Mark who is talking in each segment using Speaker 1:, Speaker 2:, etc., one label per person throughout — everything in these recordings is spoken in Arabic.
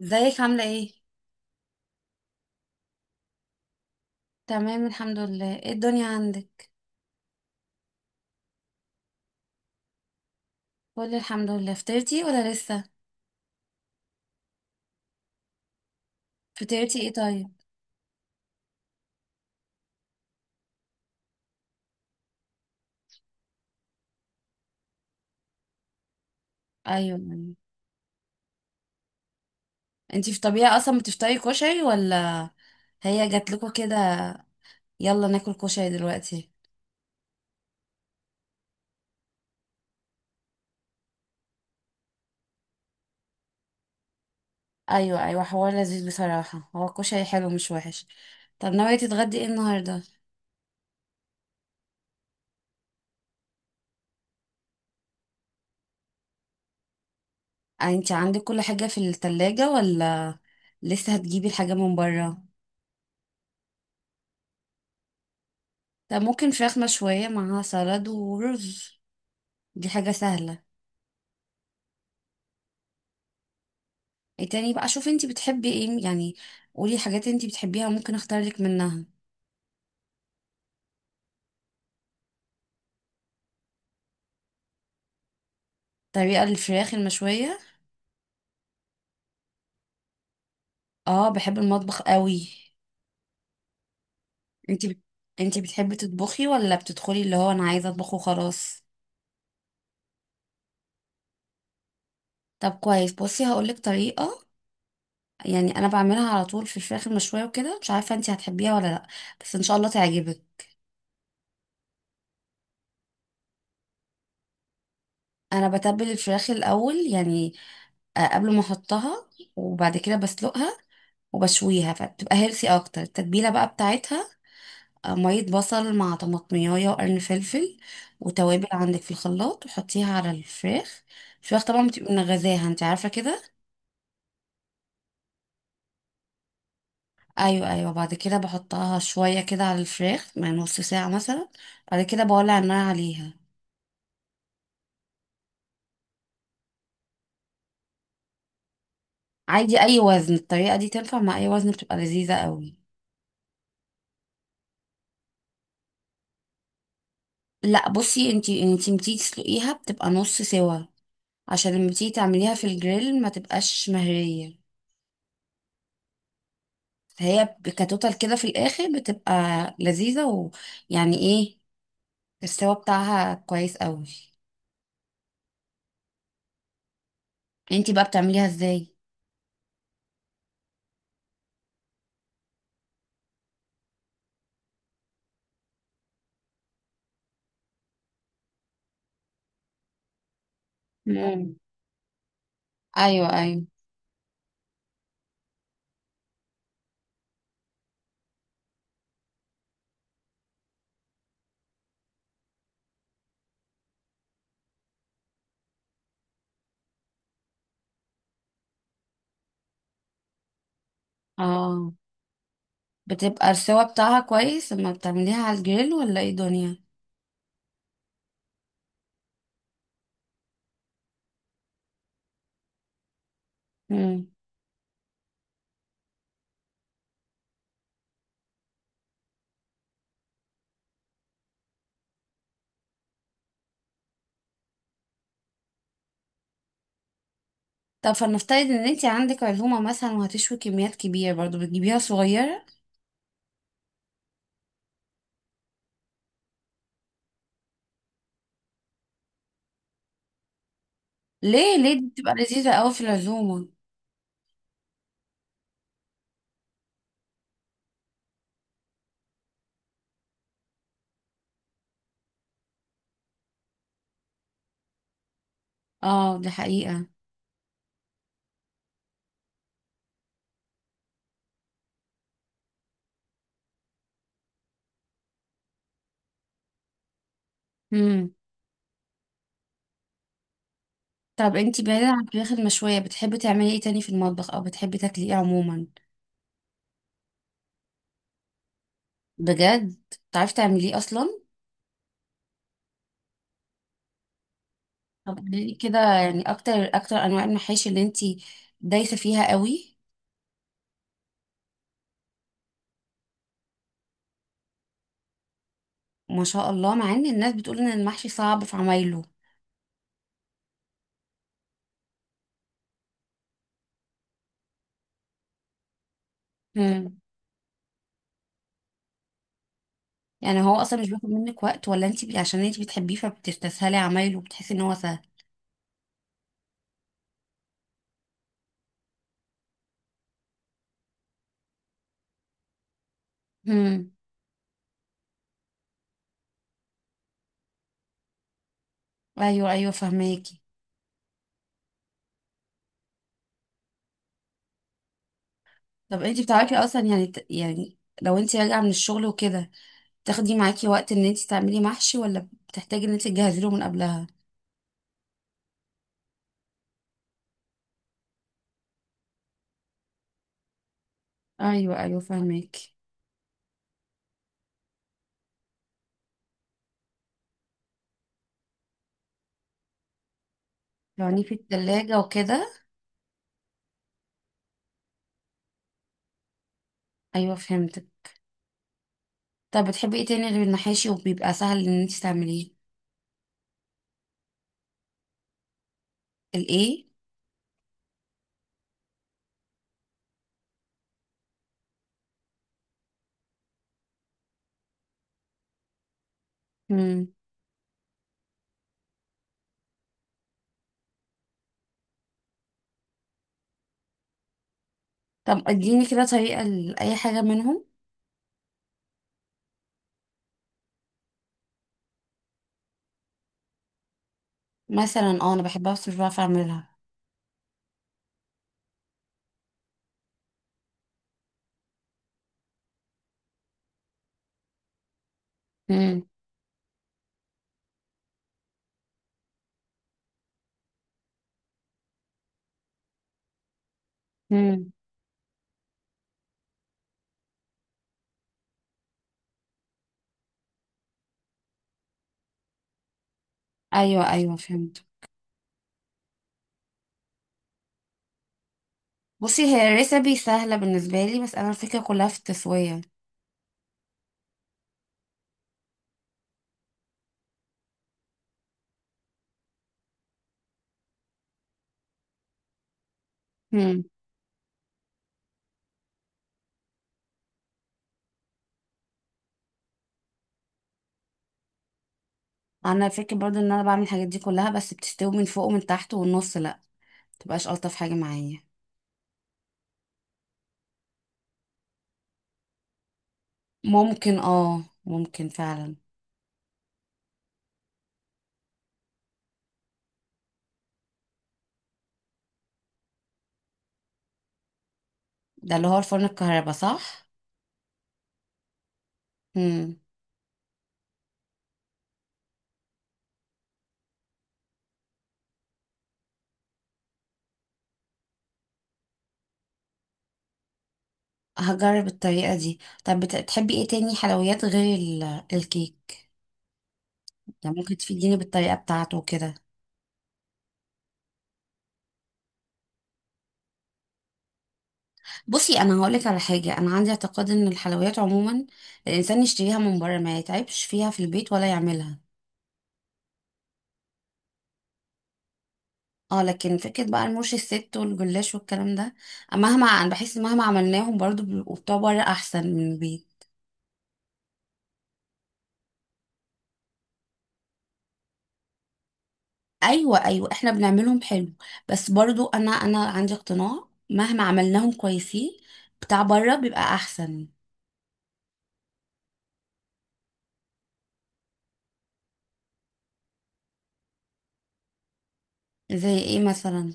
Speaker 1: ازيك عاملة ايه؟ تمام الحمد لله، ايه الدنيا عندك؟ كل الحمد لله، فطرتي ولا لسه؟ فطرتي ايه طيب؟ ايوه، أيوة. انتي في طبيعة اصلا بتفطري كشري ولا هي جاتلكوا كده؟ يلا ناكل كشري دلوقتي؟ ايوه ايوه، حوار لذيذ بصراحة. هو الكشري حلو مش وحش. طب ناوية تتغدي ايه النهاردة؟ انتي عندك كل حاجة في التلاجة ولا لسه هتجيبي الحاجة من برا؟ طب ممكن فراخ مشوية معاها سلطة ورز. دي حاجة سهلة. إيه تاني بقى؟ شوفي انتي بتحبي ايه يعني. قولي حاجات انتي بتحبيها ممكن اختار لك منها. طريقة الفراخ المشوية. اه، بحب المطبخ قوي. انتي بت... انتي بتحبي تطبخي ولا بتدخلي اللي هو انا عايزة اطبخ وخلاص؟ طب كويس، بصي هقولك طريقة. يعني انا بعملها على طول في الفراخ المشوية وكده، مش عارفة انتي هتحبيها ولا لا، بس ان شاء الله تعجبك. انا بتبل الفراخ الاول يعني، قبل ما احطها وبعد كده بسلقها وبشويها، فبتبقى هيلثي اكتر. التتبيله بقى بتاعتها مية بصل مع طماطمية وقرن فلفل وتوابل عندك في الخلاط، وحطيها على الفراخ. الفراخ طبعا بتبقى منغذاها، انت عارفة كده. ايوه ايوه، بعد كده بحطها شوية كده على الفراخ من نص ساعة مثلا، بعد كده بولع النار عليها. عادي، اي وزن، الطريقة دي تنفع مع اي وزن، بتبقى لذيذة قوي. لا بصي، انتي بتيجي تسلقيها بتبقى نص سوا، عشان لما تيجي تعمليها في الجريل ما تبقاش مهرية. هي كتوتال كده في الاخر بتبقى لذيذة، ويعني ايه، السوا بتاعها كويس قوي. انتي بقى بتعمليها ازاي؟ مم. ايوه ايوه. اه، بتبقى السوا بتاعها كويس لما بتعمليها على الجريل ولا ايه دنيا؟ مم. طب فلنفترض ان انتي عندك عزومه مثلا وهتشوي كميات كبيره، برضو بتجيبيها صغيره؟ ليه ليه؟ دي بتبقى لذيذه قوي في العزومه. اه، دي حقيقه. مم. طب انتي بعيدا عن الفراخ المشويه، بتحبي تعملي ايه تاني في المطبخ، او بتحبي تاكلي ايه عموما؟ بجد؟ بتعرفي تعمليه اصلا؟ طب قوليلي كده يعني، اكتر اكتر انواع المحاشي اللي انتي دايسه فيها قوي. ما شاء الله، مع ان الناس بتقول ان المحشي صعب في عمايله. امم يعني هو اصلا مش بياخد منك وقت، ولا انتي عشان انتي بتحبيه فبتستسهلي عمايله وبتحسي ان هو سهل؟ امم ايوه ايوه، فهماكي. طب انتي بتعرفي اصلا يعني، لو انتي راجعه من الشغل وكده تاخدي معاكي وقت ان انتي تعملي محشي، ولا بتحتاجي ان انتي تجهزي له من قبلها؟ ايوه ايوه، فهماكي. يعني في التلاجة وكده. ايوه، فهمت. طب بتحبي ايه تاني غير المحاشي وبيبقى سهل ان انت تعمليه؟ الايه؟ مم. طب اديني كده طريقة لأي حاجة منهم. مثلا اه، انا بحبها بس مش بعرف اعملها. مم. مم. ايوه ايوه، فهمت. بصي، هي الريسبي سهلة بالنسبة لي، بس انا الفكرة كلها في التسوية. مم. انا الفكرة برضو ان انا بعمل الحاجات دي كلها بس بتستوي من فوق ومن تحت والنص لا، متبقاش الطف حاجة معايا. ممكن فعلا. ده اللي هو الفرن الكهرباء صح؟ مم. هجرب الطريقة دي. طب بتحبي ايه تاني حلويات غير الكيك؟ يعني ممكن تفيديني بالطريقة بتاعته وكده. بصي انا هقولك على حاجة، انا عندي اعتقاد ان الحلويات عموما الانسان يشتريها من بره ما يتعبش فيها في البيت ولا يعملها. اه، لكن فكرة بقى المرش الست والجلاش والكلام ده، مهما انا بحس مهما عملناهم برضو بيبقوا بتوع بره احسن من البيت. ايوه ايوه، احنا بنعملهم حلو، بس برضو انا عندي اقتناع مهما عملناهم كويسين بتاع بره بيبقى احسن. زي ايه مثلا؟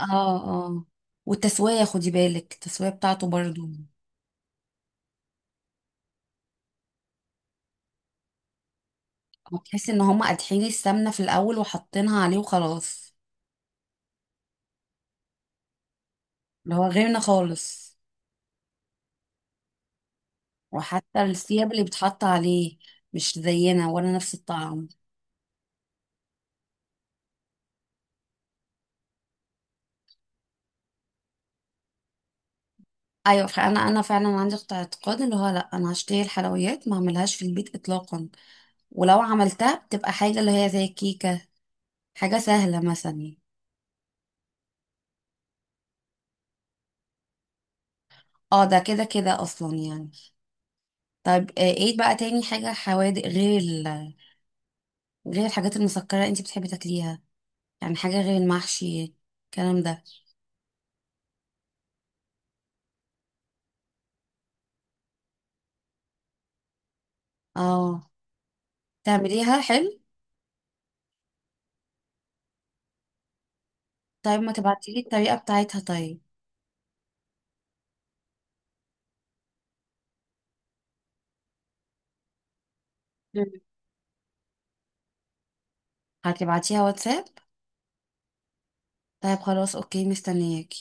Speaker 1: اه اه. والتسوية، خدي بالك التسوية بتاعته برضو. هتحسي ان هم قادحين السمنة في الاول وحاطينها عليه وخلاص. اللي هو غيرنا خالص. وحتى الثياب اللي بتحط عليه مش زينا، ولا نفس الطعم. ايوه، فانا فعلا عندي اعتقاد اللي هو لا، انا هشتري الحلويات ما اعملهاش في البيت اطلاقا، ولو عملتها بتبقى حاجه اللي هي زي الكيكه، حاجه سهله مثلا. اه، ده كده كده اصلا يعني. طيب، ايه بقى تاني حاجه حوادق، غير الحاجات المسكرة انتي بتحبي تاكليها؟ يعني حاجة غير المحشي الكلام ده. اه. تعمليها حلو؟ طيب ما تبعتيلي الطريقة بتاعتها طيب. مم. هتبعتيها واتساب؟ طيب خلاص اوكي، مستنياك.